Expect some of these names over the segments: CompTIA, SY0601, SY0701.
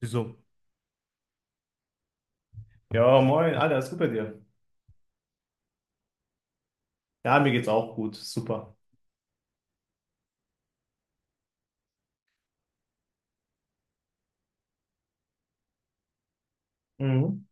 Wieso? Ja, moin, Alter, ist gut bei dir? Ja, mir geht's auch gut, super. Mhm.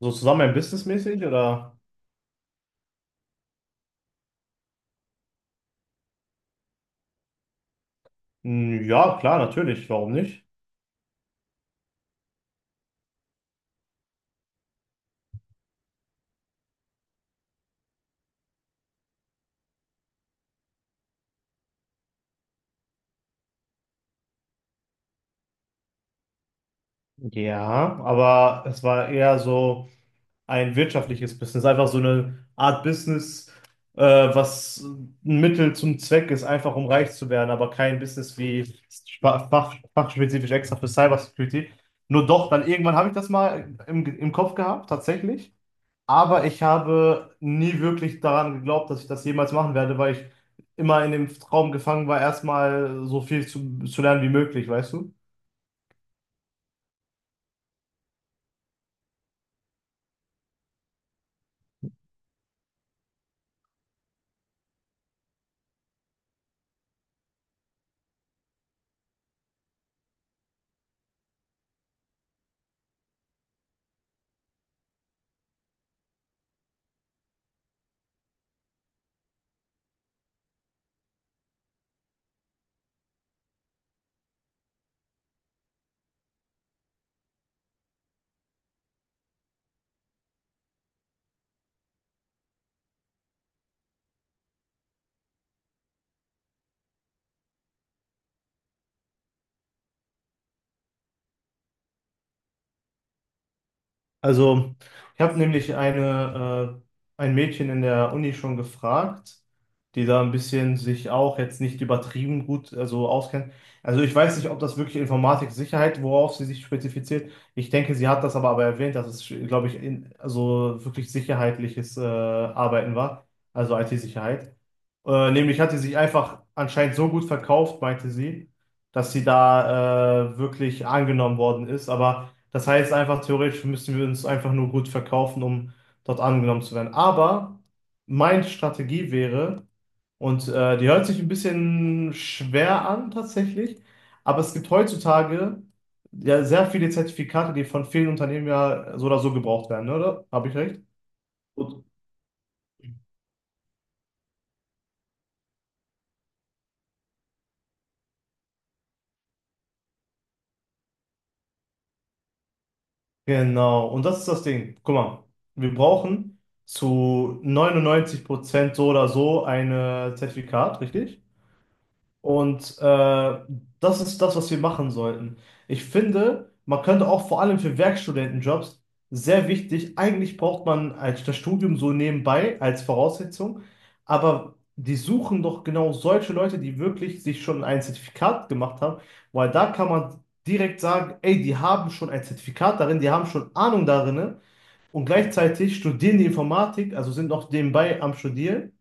So zusammen businessmäßig oder? Hm, ja, klar, natürlich, warum nicht? Ja, aber es war eher so ein wirtschaftliches Business, einfach so eine Art Business, was ein Mittel zum Zweck ist, einfach um reich zu werden, aber kein Business wie fachspezifisch extra für Cybersecurity. Nur doch, dann irgendwann habe ich das mal im Kopf gehabt, tatsächlich. Aber ich habe nie wirklich daran geglaubt, dass ich das jemals machen werde, weil ich immer in dem Traum gefangen war, erstmal so viel zu lernen wie möglich, weißt du? Also, ich habe nämlich ein Mädchen in der Uni schon gefragt, die da ein bisschen sich auch jetzt nicht übertrieben gut, also auskennt. Also ich weiß nicht, ob das wirklich Informatik-Sicherheit, worauf sie sich spezifiziert. Ich denke, sie hat das aber erwähnt, dass es, glaube ich, also wirklich sicherheitliches Arbeiten war, also IT-Sicherheit. Nämlich hat sie sich einfach anscheinend so gut verkauft, meinte sie, dass sie da wirklich angenommen worden ist. Aber das heißt einfach, theoretisch müssen wir uns einfach nur gut verkaufen, um dort angenommen zu werden. Aber meine Strategie wäre, und die hört sich ein bisschen schwer an tatsächlich, aber es gibt heutzutage ja sehr viele Zertifikate, die von vielen Unternehmen ja so oder so gebraucht werden, ne, oder? Habe ich recht? Gut. Genau, und das ist das Ding. Guck mal, wir brauchen zu 99% so oder so ein Zertifikat, richtig? Und das ist das, was wir machen sollten. Ich finde, man könnte auch vor allem für Werkstudentenjobs sehr wichtig, eigentlich braucht man als das Studium so nebenbei als Voraussetzung, aber die suchen doch genau solche Leute, die wirklich sich schon ein Zertifikat gemacht haben, weil da kann man direkt sagen, ey, die haben schon ein Zertifikat darin, die haben schon Ahnung darin und gleichzeitig studieren die Informatik, also sind noch nebenbei am Studieren,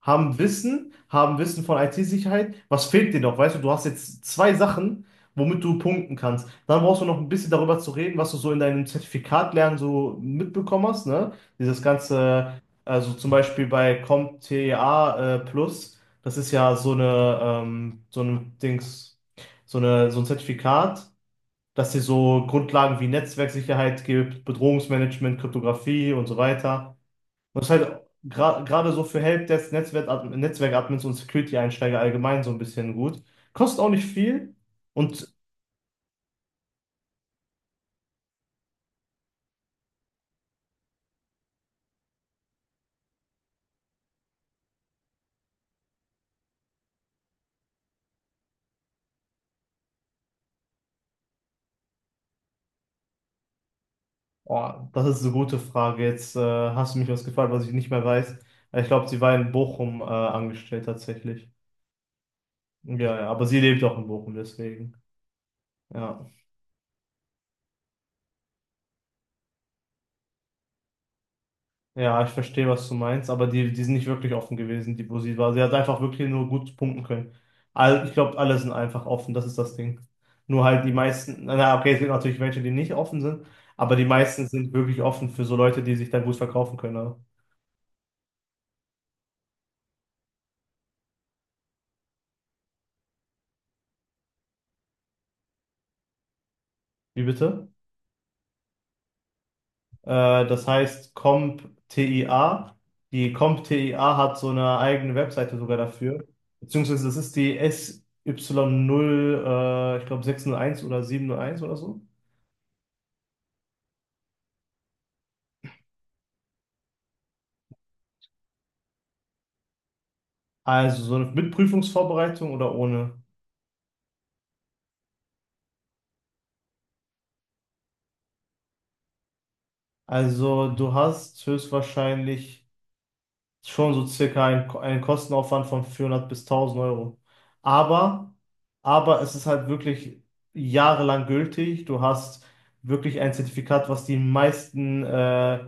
haben Wissen von IT-Sicherheit. Was fehlt dir noch? Weißt du, du hast jetzt zwei Sachen, womit du punkten kannst. Dann brauchst du noch ein bisschen darüber zu reden, was du so in deinem Zertifikat lernen so mitbekommen hast, ne? Dieses ganze, also zum Beispiel bei CompTIA Plus, das ist ja so eine, so ein Dings, so ein Zertifikat, dass dir so Grundlagen wie Netzwerksicherheit gibt, Bedrohungsmanagement, Kryptographie und so weiter. Was halt gerade so für Helpdesk, Netzwerkadmins und Security-Einsteiger allgemein so ein bisschen gut. Kostet auch nicht viel. Und oh, das ist eine gute Frage. Jetzt hast du mich was gefragt, was ich nicht mehr weiß. Ich glaube, sie war in Bochum angestellt tatsächlich. Ja, ja, aber sie lebt auch in Bochum, deswegen. Ja. Ja, ich verstehe, was du meinst, aber die sind nicht wirklich offen gewesen, die Bussi war. Sie hat einfach wirklich nur gut punkten können. Ich glaube, alle sind einfach offen, das ist das Ding. Nur halt die meisten, na okay, es gibt natürlich welche, die nicht offen sind, aber die meisten sind wirklich offen für so Leute, die sich dann gut verkaufen können, Wie bitte? Das heißt CompTIA. Die Comp t i a hat so eine eigene Webseite sogar dafür. Beziehungsweise das ist die SY0, ich glaube 601 oder 701 oder so. Also so mit Prüfungsvorbereitung oder ohne? Also du hast höchstwahrscheinlich schon so circa einen Kostenaufwand von 400 bis 1000 Euro. Aber, aber es ist halt wirklich jahrelang gültig. Du hast wirklich ein Zertifikat, was die meisten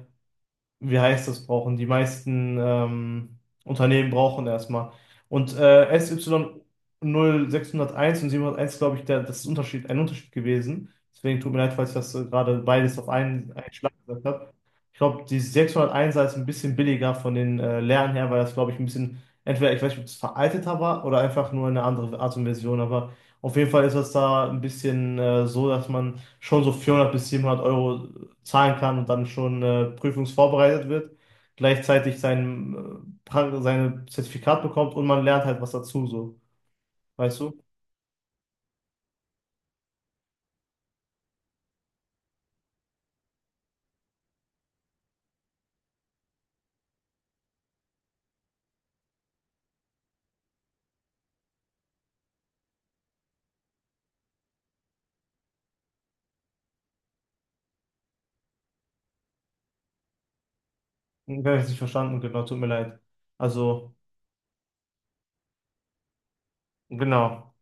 wie heißt das, brauchen. Die meisten Unternehmen brauchen erstmal. Und SY0601 und 701, glaube ich, das ist ein Unterschied gewesen. Deswegen tut mir leid, falls ich das gerade beides auf einen Schlag gesagt habe. Ich glaube, die 601 ist ein bisschen billiger von den Lernen her, weil das, glaube ich, ein bisschen, entweder, ich weiß nicht, ob es veralteter war oder einfach nur eine andere Art und Version, aber auf jeden Fall ist das da ein bisschen so, dass man schon so 400 bis 700 Euro zahlen kann und dann schon prüfungsvorbereitet wird, gleichzeitig seine Zertifikat bekommt und man lernt halt was dazu, so. Weißt du? Ich habe es nicht verstanden, genau, tut mir leid. Also, genau,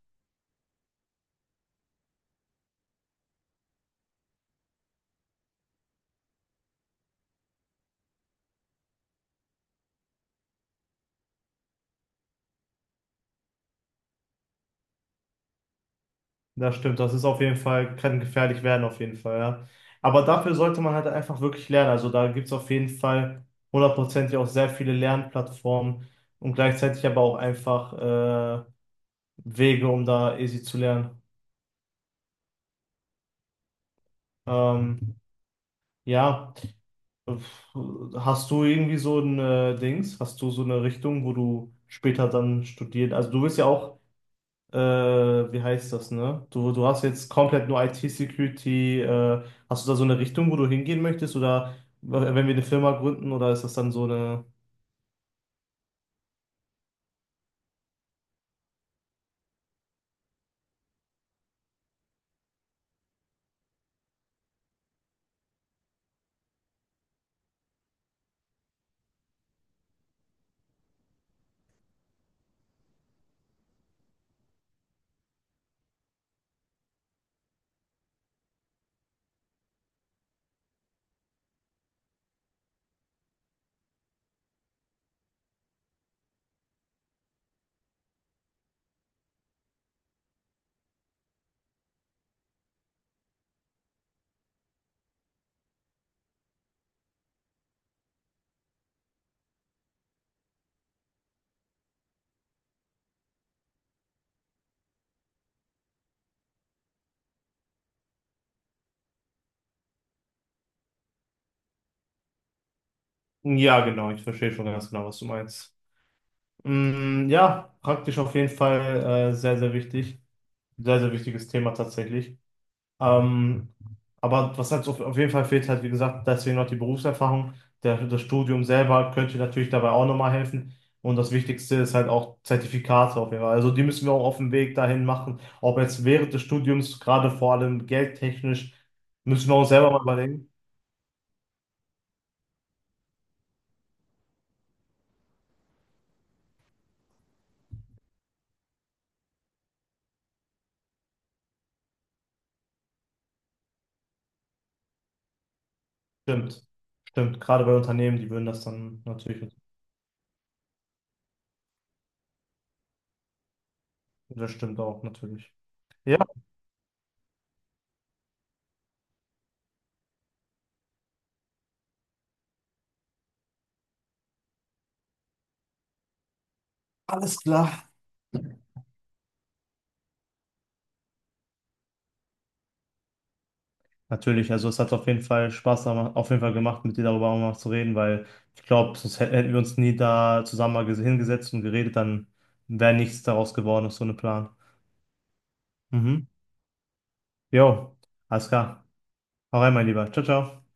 das stimmt. Das ist auf jeden Fall, kann gefährlich werden, auf jeden Fall, ja. Aber dafür sollte man halt einfach wirklich lernen. Also da gibt es auf jeden Fall hundertprozentig auch sehr viele Lernplattformen und gleichzeitig aber auch einfach äh, Wege, um da easy zu lernen. Ähm, ja. Hast du irgendwie so ein Dings? Hast du so eine Richtung, wo du später dann studierst? Also du bist ja auch, wie heißt das, ne? Du hast jetzt komplett nur IT-Security. Hast du da so eine Richtung, wo du hingehen möchtest? Oder wenn wir eine Firma gründen, oder ist das dann so eine. Ja, genau, ich verstehe schon ganz genau, was du meinst. Mm, ja, praktisch auf jeden Fall sehr, sehr wichtig. Sehr, sehr wichtiges Thema tatsächlich. Ähm, aber was halt so auf jeden Fall fehlt, halt wie gesagt, deswegen noch die Berufserfahrung. Das Studium selber könnte natürlich dabei auch nochmal helfen. Und das Wichtigste ist halt auch Zertifikate auf jeden Fall. Also die müssen wir auch auf dem Weg dahin machen. Ob jetzt während des Studiums, gerade vor allem geldtechnisch, müssen wir auch selber mal überlegen. Stimmt. Stimmt. Gerade bei Unternehmen, die würden das dann natürlich. Das stimmt auch natürlich. Ja, alles klar. Natürlich, also es hat auf jeden Fall Spaß auf jeden Fall gemacht, mit dir darüber auch mal zu reden, weil ich glaube, sonst hätten wir uns nie da zusammen mal hingesetzt und geredet, dann wäre nichts daraus geworden aus so einem Plan. Mhm. Jo, alles klar. Hau rein, mein Lieber. Ciao, ciao.